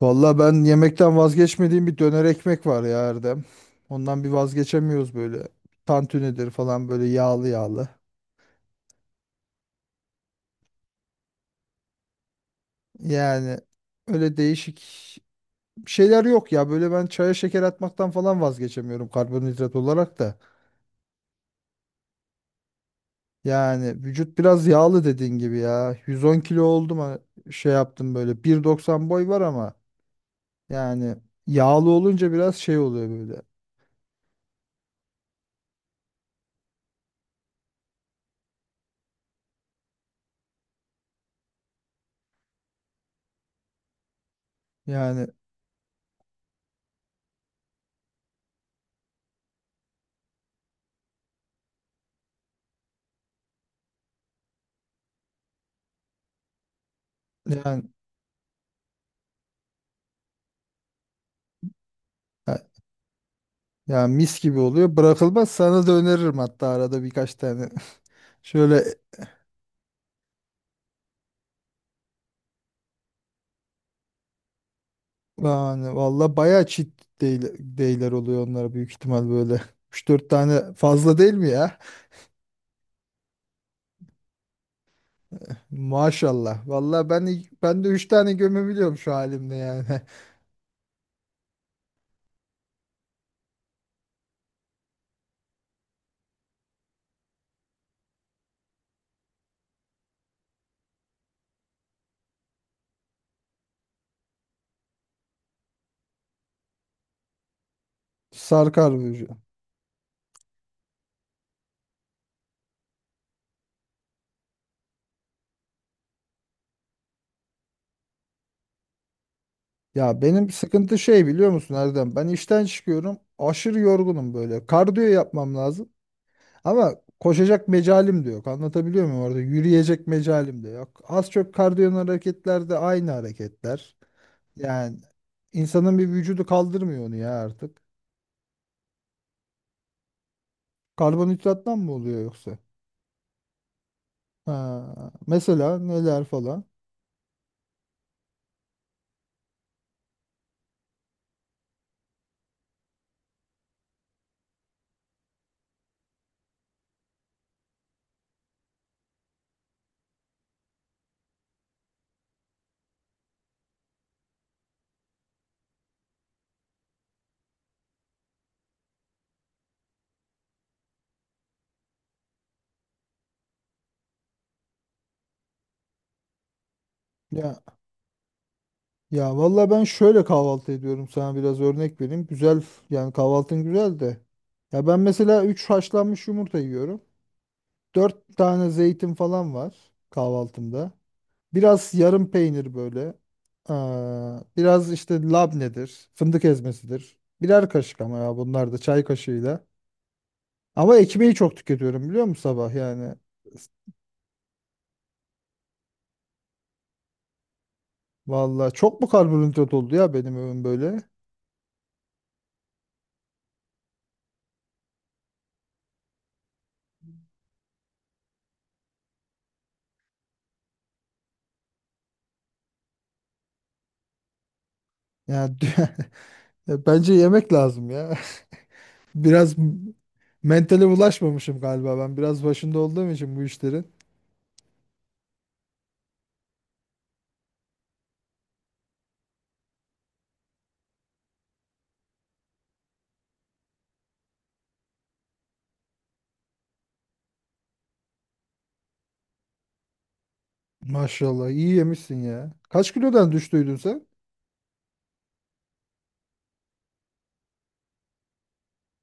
Valla ben yemekten vazgeçmediğim bir döner ekmek var ya Erdem. Ondan bir vazgeçemiyoruz böyle. Tantunidir falan böyle yağlı yağlı. Yani öyle değişik şeyler yok ya. Böyle ben çaya şeker atmaktan falan vazgeçemiyorum karbonhidrat olarak da. Yani vücut biraz yağlı dediğin gibi ya. 110 kilo oldum şey yaptım böyle. 1.90 boy var ama yani yağlı olunca biraz şey oluyor böyle. Yani yani. Ya mis gibi oluyor. Bırakılmaz sana da öneririm hatta arada birkaç tane. Şöyle yani valla bayağı çit değil, değiller oluyor onlara büyük ihtimal böyle. Üç dört tane fazla değil mi ya? Maşallah. Valla ben de 3 tane gömebiliyorum şu halimde yani. Sarkar vücudu. Ya benim sıkıntı şey biliyor musun Erdem? Ben işten çıkıyorum. Aşırı yorgunum böyle. Kardiyo yapmam lazım. Ama koşacak mecalim de yok. Anlatabiliyor muyum orada? Yürüyecek mecalim de yok. Az çok kardiyon hareketler de aynı hareketler. Yani insanın bir vücudu kaldırmıyor onu ya artık. Karbonhidrattan mı oluyor yoksa? Ha, mesela neler falan. Ya ya, vallahi ben şöyle kahvaltı ediyorum sana biraz örnek vereyim. Yani kahvaltın güzel de. Ya ben mesela 3 haşlanmış yumurta yiyorum. 4 tane zeytin falan var kahvaltımda. Biraz yarım peynir böyle. Aa, biraz işte labnedir, fındık ezmesidir. Birer kaşık ama ya bunlar da çay kaşığıyla. Ama ekmeği çok tüketiyorum biliyor musun sabah yani. Vallahi çok mu karbonhidrat oldu ya benim ömrüm böyle? Yani bence yemek lazım ya. Biraz mentale ulaşmamışım galiba ben. Biraz başında olduğum için bu işlerin. Maşallah iyi yemişsin ya. Kaç kilodan düştüydün sen?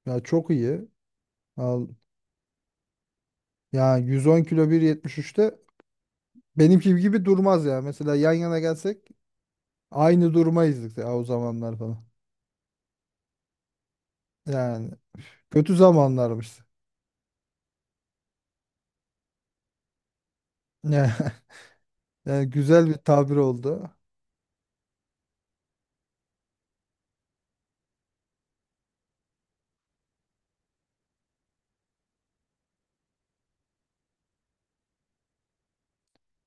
Ya çok iyi. Al. Ya 110 kilo 1.73'te benimki gibi durmaz ya. Mesela yan yana gelsek aynı durmayızdık ya o zamanlar falan. Yani kötü zamanlarmış. Yani, yani, güzel bir tabir oldu.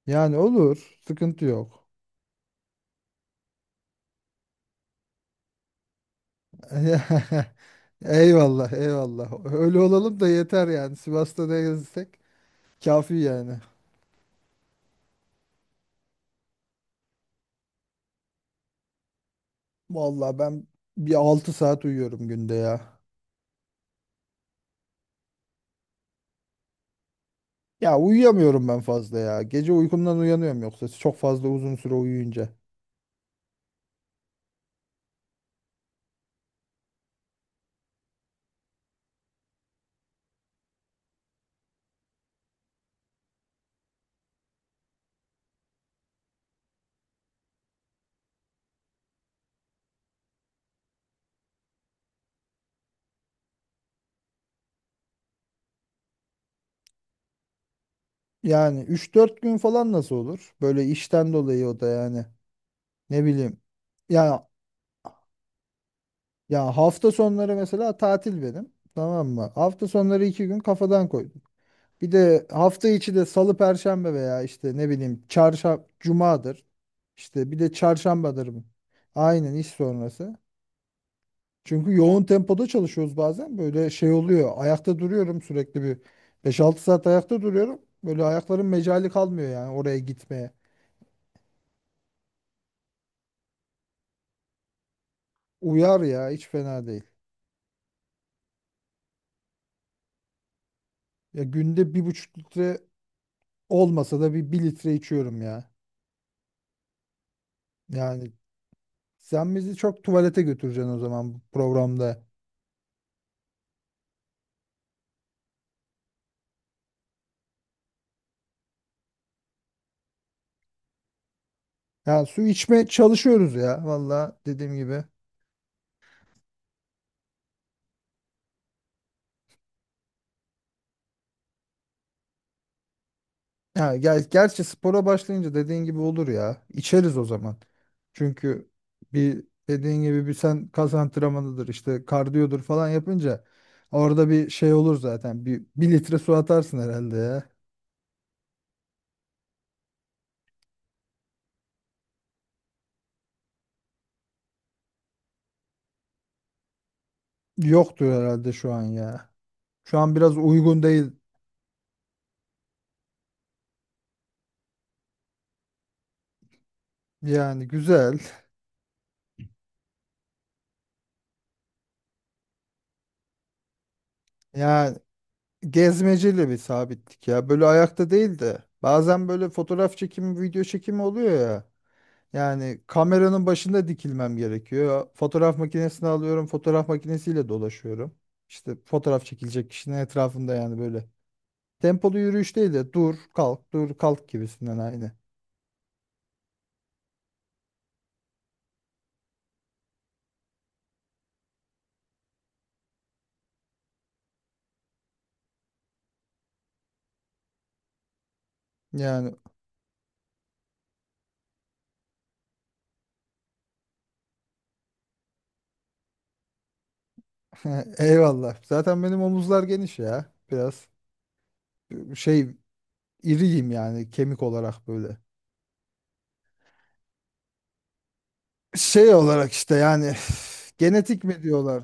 Yani olur. Sıkıntı yok. Eyvallah, eyvallah. Öyle olalım da yeter yani. Sivas'ta da gezsek kafi yani. Vallahi ben bir altı saat uyuyorum günde ya. Ya uyuyamıyorum ben fazla ya. Gece uykumdan uyanıyorum yoksa çok fazla uzun süre uyuyunca. Yani üç dört gün falan nasıl olur? Böyle işten dolayı o da yani. Ne bileyim. Ya ya, hafta sonları mesela tatil benim. Tamam mı? Hafta sonları 2 gün kafadan koydum. Bir de hafta içi de salı perşembe veya işte ne bileyim çarşamba cumadır. İşte bir de çarşambadır bu. Aynen iş sonrası. Çünkü yoğun tempoda çalışıyoruz bazen. Böyle şey oluyor. Ayakta duruyorum sürekli bir beş altı saat ayakta duruyorum. Böyle ayakların mecali kalmıyor yani oraya gitmeye. Uyar ya hiç fena değil. Ya günde bir buçuk litre olmasa da bir litre içiyorum ya. Yani sen bizi çok tuvalete götüreceksin o zaman bu programda. Ya su içme çalışıyoruz ya valla dediğim gibi. Ya gel gerçi spora başlayınca dediğin gibi olur ya. İçeriz o zaman. Çünkü bir dediğin gibi bir sen kas antrenmanıdır işte kardiyodur falan yapınca orada bir şey olur zaten. Bir litre su atarsın herhalde ya. Yoktur herhalde şu an ya. Şu an biraz uygun değil yani güzel. Yani gezmeciyle bir sabitlik ya. Böyle ayakta değil de bazen böyle fotoğraf çekimi, video çekimi oluyor ya. Yani kameranın başında dikilmem gerekiyor. Fotoğraf makinesini alıyorum, fotoğraf makinesiyle dolaşıyorum. İşte fotoğraf çekilecek kişinin etrafında yani böyle. Tempolu yürüyüş değil de dur, kalk, dur, kalk gibisinden aynı. Yani eyvallah. Zaten benim omuzlar geniş ya. Biraz şey iriyim yani kemik olarak böyle. Şey olarak işte yani genetik mi diyorlar?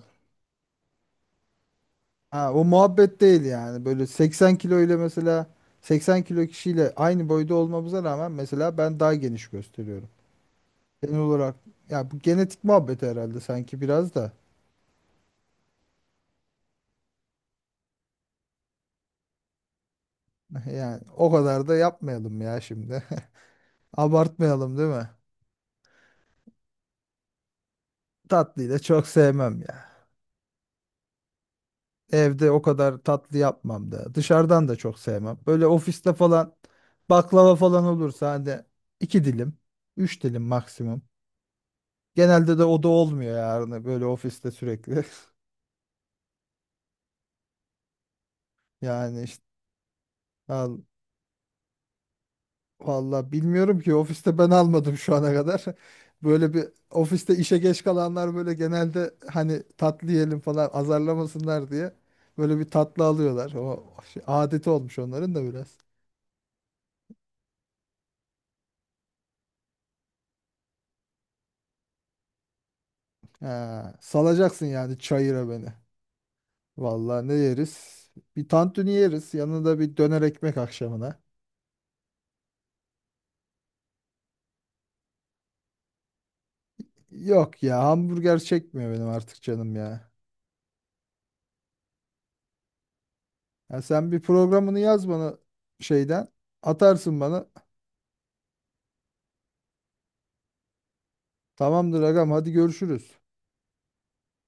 Ha, o muhabbet değil yani. Böyle 80 kilo ile mesela 80 kilo kişiyle aynı boyda olmamıza rağmen mesela ben daha geniş gösteriyorum. Genel olarak ya bu genetik muhabbeti herhalde sanki biraz da. Yani o kadar da yapmayalım ya şimdi. Abartmayalım değil mi? Tatlıyı da çok sevmem ya. Evde o kadar tatlı yapmam da. Dışarıdan da çok sevmem. Böyle ofiste falan baklava falan olursa hani iki dilim, üç dilim maksimum. Genelde de o da olmuyor yani böyle ofiste sürekli. Yani işte al, valla bilmiyorum ki ofiste ben almadım şu ana kadar. Böyle bir ofiste işe geç kalanlar böyle genelde hani tatlı yiyelim falan azarlamasınlar diye böyle bir tatlı alıyorlar. O şey, adeti olmuş onların da biraz. Ha, salacaksın yani çayıra beni. Vallahi ne yeriz? Bir tantuni yeriz. Yanında bir döner ekmek akşamına. Yok ya hamburger çekmiyor benim artık canım ya. Ya sen bir programını yaz bana şeyden. Atarsın bana. Tamamdır agam hadi görüşürüz.